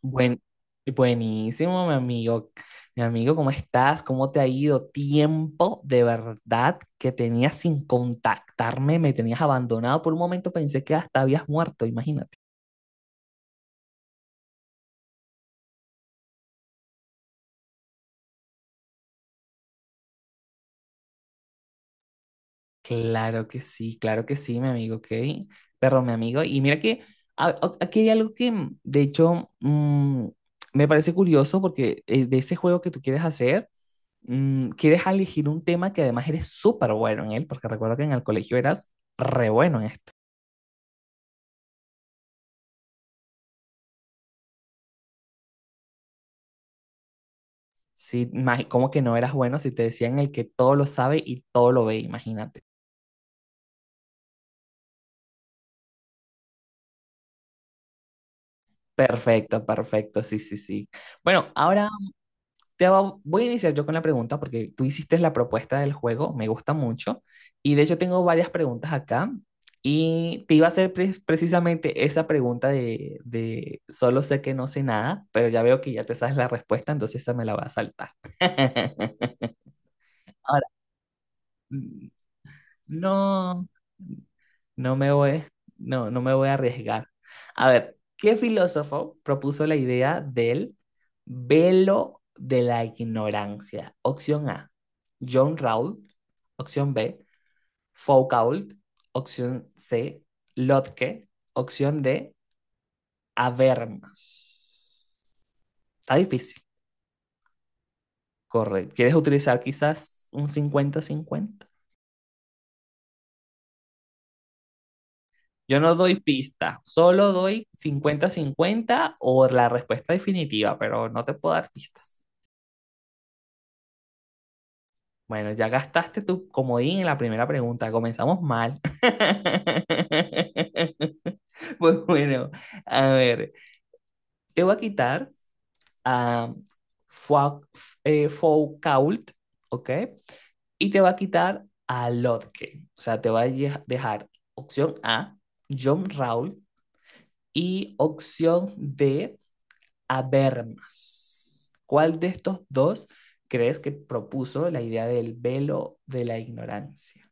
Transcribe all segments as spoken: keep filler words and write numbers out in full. Buen, buenísimo, mi amigo. Mi amigo, ¿cómo estás? ¿Cómo te ha ido? Tiempo de verdad que tenías sin contactarme, me tenías abandonado. Por un momento pensé que hasta habías muerto, imagínate. Claro que sí, claro que sí, mi amigo, ok. Pero mi amigo, y mira que a- a- aquí hay algo que, mm, de hecho, mm, me parece curioso porque eh, de ese juego que tú quieres hacer, mm, quieres elegir un tema que además eres súper bueno en él, porque recuerdo que en el colegio eras re bueno en esto. Sí, ma- ¿cómo que no eras bueno si te decían el que todo lo sabe y todo lo ve? Imagínate. Perfecto, perfecto, sí, sí, sí. Bueno, ahora te va- voy a iniciar yo con la pregunta porque tú hiciste la propuesta del juego, me gusta mucho. Y de hecho tengo varias preguntas acá y te iba a hacer pre- precisamente esa pregunta de, de solo sé que no sé nada, pero ya veo que ya te sabes la respuesta, entonces esa me la va a saltar. Ahora, mm, no. No me voy, no, no me voy a arriesgar. A ver, ¿qué filósofo propuso la idea del velo de la ignorancia? Opción A, John Raoult. Opción B, Foucault. Opción C, Locke. Opción D, Habermas. Está difícil. Correcto. ¿Quieres utilizar quizás un cincuenta-cincuenta? Yo no doy pista, solo doy cincuenta-cincuenta o la respuesta definitiva, pero no te puedo dar pistas. Bueno, ya gastaste tu comodín en la primera pregunta, comenzamos mal. Pues bueno, a ver, te voy a quitar a Fua- eh, Foucault, ¿ok? Y te va a quitar a Lotke, o sea, te va a ye- dejar opción A, John Rawl, y opción D. Habermas. ¿Cuál de estos dos crees que propuso la idea del velo de la ignorancia?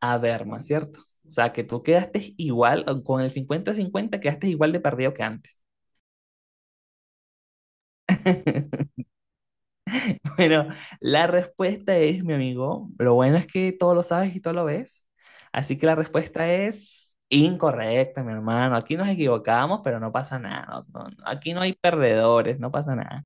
Habermas, ¿cierto? O sea, que tú quedaste igual, con el cincuenta-cincuenta, quedaste igual de perdido que antes. Bueno, la respuesta es, mi amigo, lo bueno es que todo lo sabes y todo lo ves. Así que la respuesta es incorrecta, mi hermano. Aquí nos equivocamos, pero no pasa nada. No- no- aquí no hay perdedores, no pasa nada.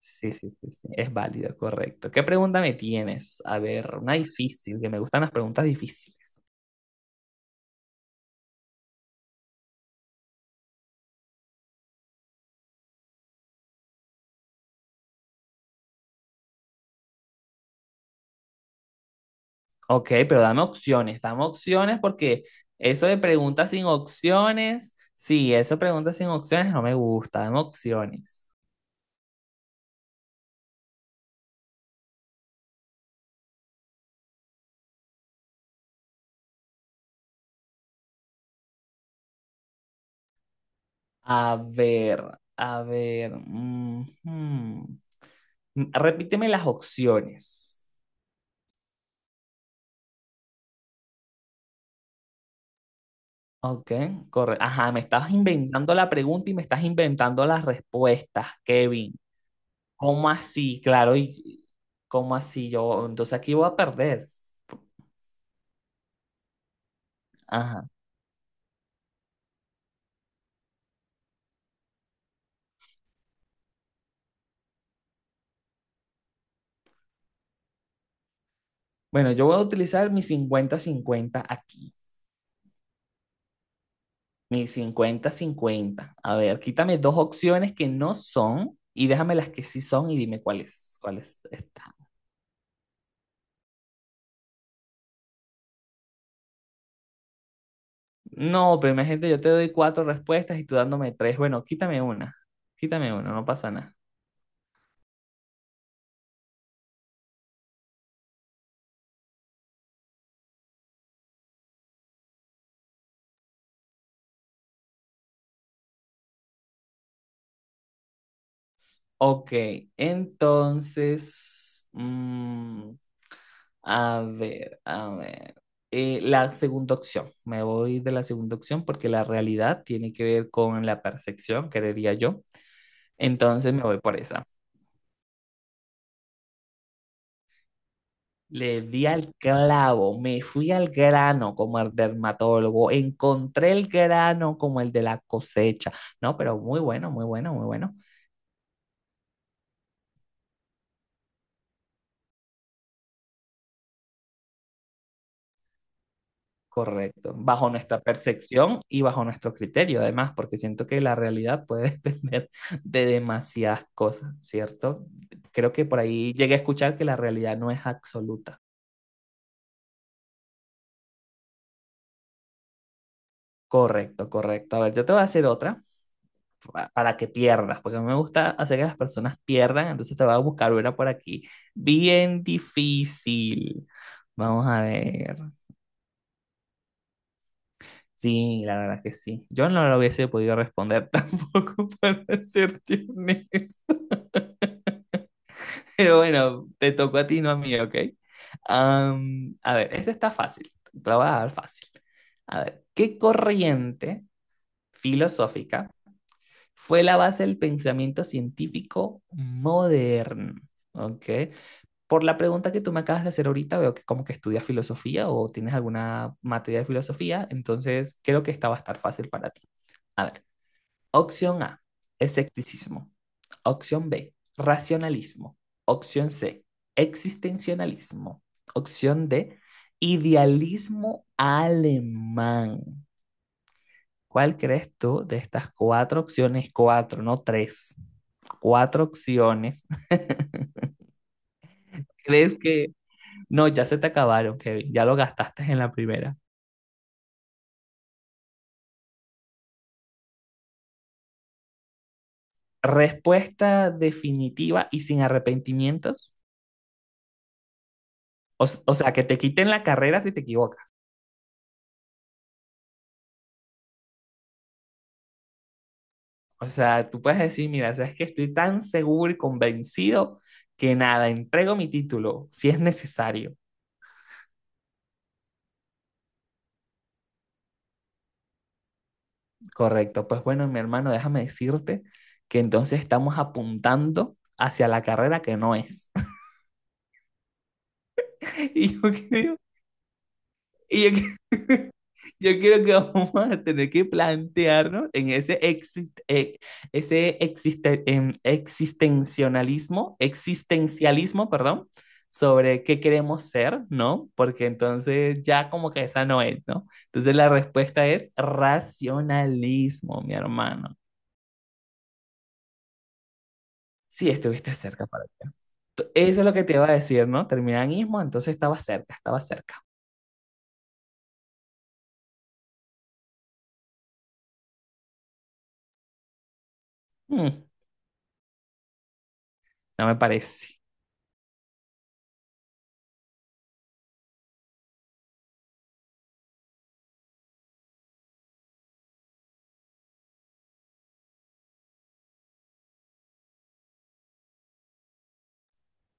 Sí, sí, sí, sí, es válido, correcto. ¿Qué pregunta me tienes? A ver, una difícil, que me gustan las preguntas difíciles. Ok, pero dame opciones, dame opciones porque eso de preguntas sin opciones, sí, eso de preguntas sin opciones no me gusta, dame opciones. A ver, a ver, ujú. Repíteme las opciones. Ok, correcto. Ajá, me estás inventando la pregunta y me estás inventando las respuestas, Kevin. ¿Cómo así? Claro, y ¿cómo así? Yo, entonces aquí voy a perder. Ajá. Bueno, yo voy a utilizar mi cincuenta cincuenta aquí. Mi cincuenta cincuenta. A ver, quítame dos opciones que no son y déjame las que sí son y dime cuáles, cuáles están. No, pero imagínate, yo te doy cuatro respuestas y tú dándome tres. Bueno, quítame una. Quítame una, no pasa nada. Ok, entonces, mm, a ver, a ver. Eh, la segunda opción. Me voy de la segunda opción porque la realidad tiene que ver con la percepción, creería yo. Entonces me voy por esa. Le di al clavo, me fui al grano como el dermatólogo, encontré el grano como el de la cosecha. No, pero muy bueno, muy bueno, muy bueno. Correcto, bajo nuestra percepción y bajo nuestro criterio, además, porque siento que la realidad puede depender de demasiadas cosas, ¿cierto? Creo que por ahí llegué a escuchar que la realidad no es absoluta. Correcto, correcto. A ver, yo te voy a hacer otra pa- para que pierdas, porque a mí me gusta hacer que las personas pierdan, entonces te voy a buscar una por aquí. Bien difícil. Vamos a ver. Sí, la verdad que sí. Yo no lo hubiese podido responder tampoco, para serte honesto. Pero bueno, te tocó a ti, no a mí, ¿ok? Am, a ver, este está fácil, te lo voy a dar fácil. A ver, ¿qué corriente filosófica fue la base del pensamiento científico moderno? ¿Ok? Por la pregunta que tú me acabas de hacer ahorita, veo que como que estudias filosofía o tienes alguna materia de filosofía, entonces creo que esta va a estar fácil para ti. A ver, opción A, escepticismo. Opción B, racionalismo. Opción C, existencialismo. Opción D, idealismo alemán. ¿Cuál crees tú de estas cuatro opciones? Cuatro, no tres. Cuatro opciones. ¿Crees que... No, ya se te acabaron, Kevin. Ya lo gastaste en la primera. Respuesta definitiva y sin arrepentimientos. O, o sea, que te quiten la carrera si te equivocas. O sea, tú puedes decir, mira, sabes que estoy tan seguro y convencido que nada, entrego mi título si es necesario. Correcto. Pues bueno, mi hermano, déjame decirte que entonces estamos apuntando hacia la carrera que no es. Y yo quedé... Y yo, que- yo creo que vamos a tener que plantearnos en ese, exist- eh, ese existe- em, existencialismo, existencialismo, perdón, sobre qué queremos ser, ¿no? Porque entonces ya como que esa no es, ¿no? Entonces la respuesta es racionalismo, mi hermano. Sí, estuviste cerca para ti. Eso es lo que te iba a decir, ¿no? Terminanismo, entonces estaba cerca, estaba cerca. Mm, no me parece.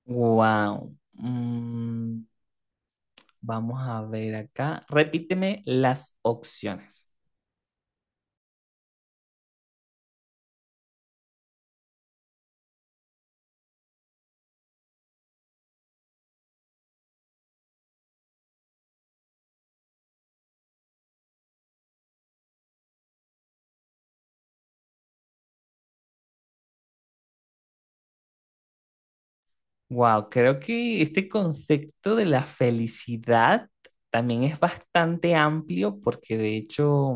Wow. Vamos a ver acá. Repíteme las opciones. Wow, creo que este concepto de la felicidad también es bastante amplio porque de hecho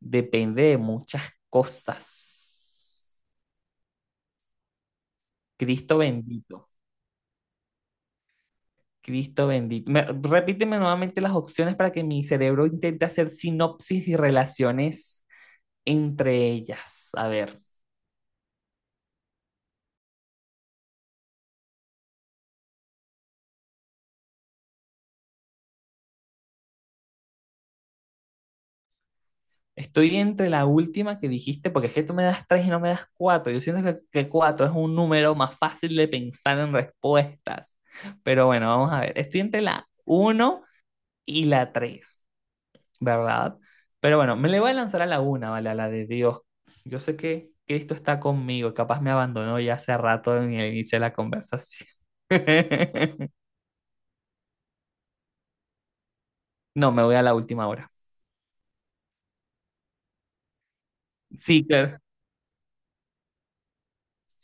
depende de muchas cosas. Cristo bendito, Cristo bendito. Me- repíteme nuevamente las opciones para que mi cerebro intente hacer sinopsis y relaciones entre ellas. A ver. Estoy entre la última que dijiste, porque es que tú me das tres y no me das cuatro. Yo siento que, que cuatro es un número más fácil de pensar en respuestas. Pero bueno, vamos a ver. Estoy entre la uno y la tres, ¿verdad? Pero bueno, me le voy a lanzar a la una, ¿vale? A la de Dios. Yo sé que Cristo está conmigo, capaz me abandonó ya hace rato en el inicio de la conversación. No, me voy a la última hora. Sí, claro.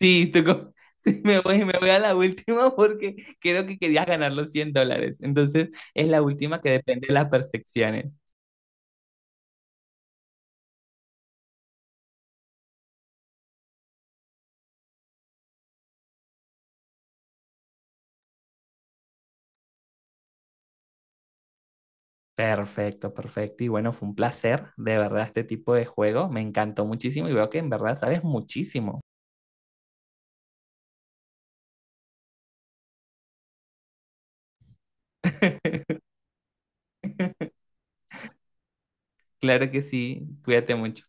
Sí, tú co- sí, me voy, me voy a la última porque creo que querías ganar los cien dólares. Entonces, es la última que depende de las percepciones. Perfecto, perfecto. Y bueno, fue un placer, de verdad, este tipo de juego. Me encantó muchísimo y veo que en verdad sabes muchísimo. Claro que sí, cuídate mucho.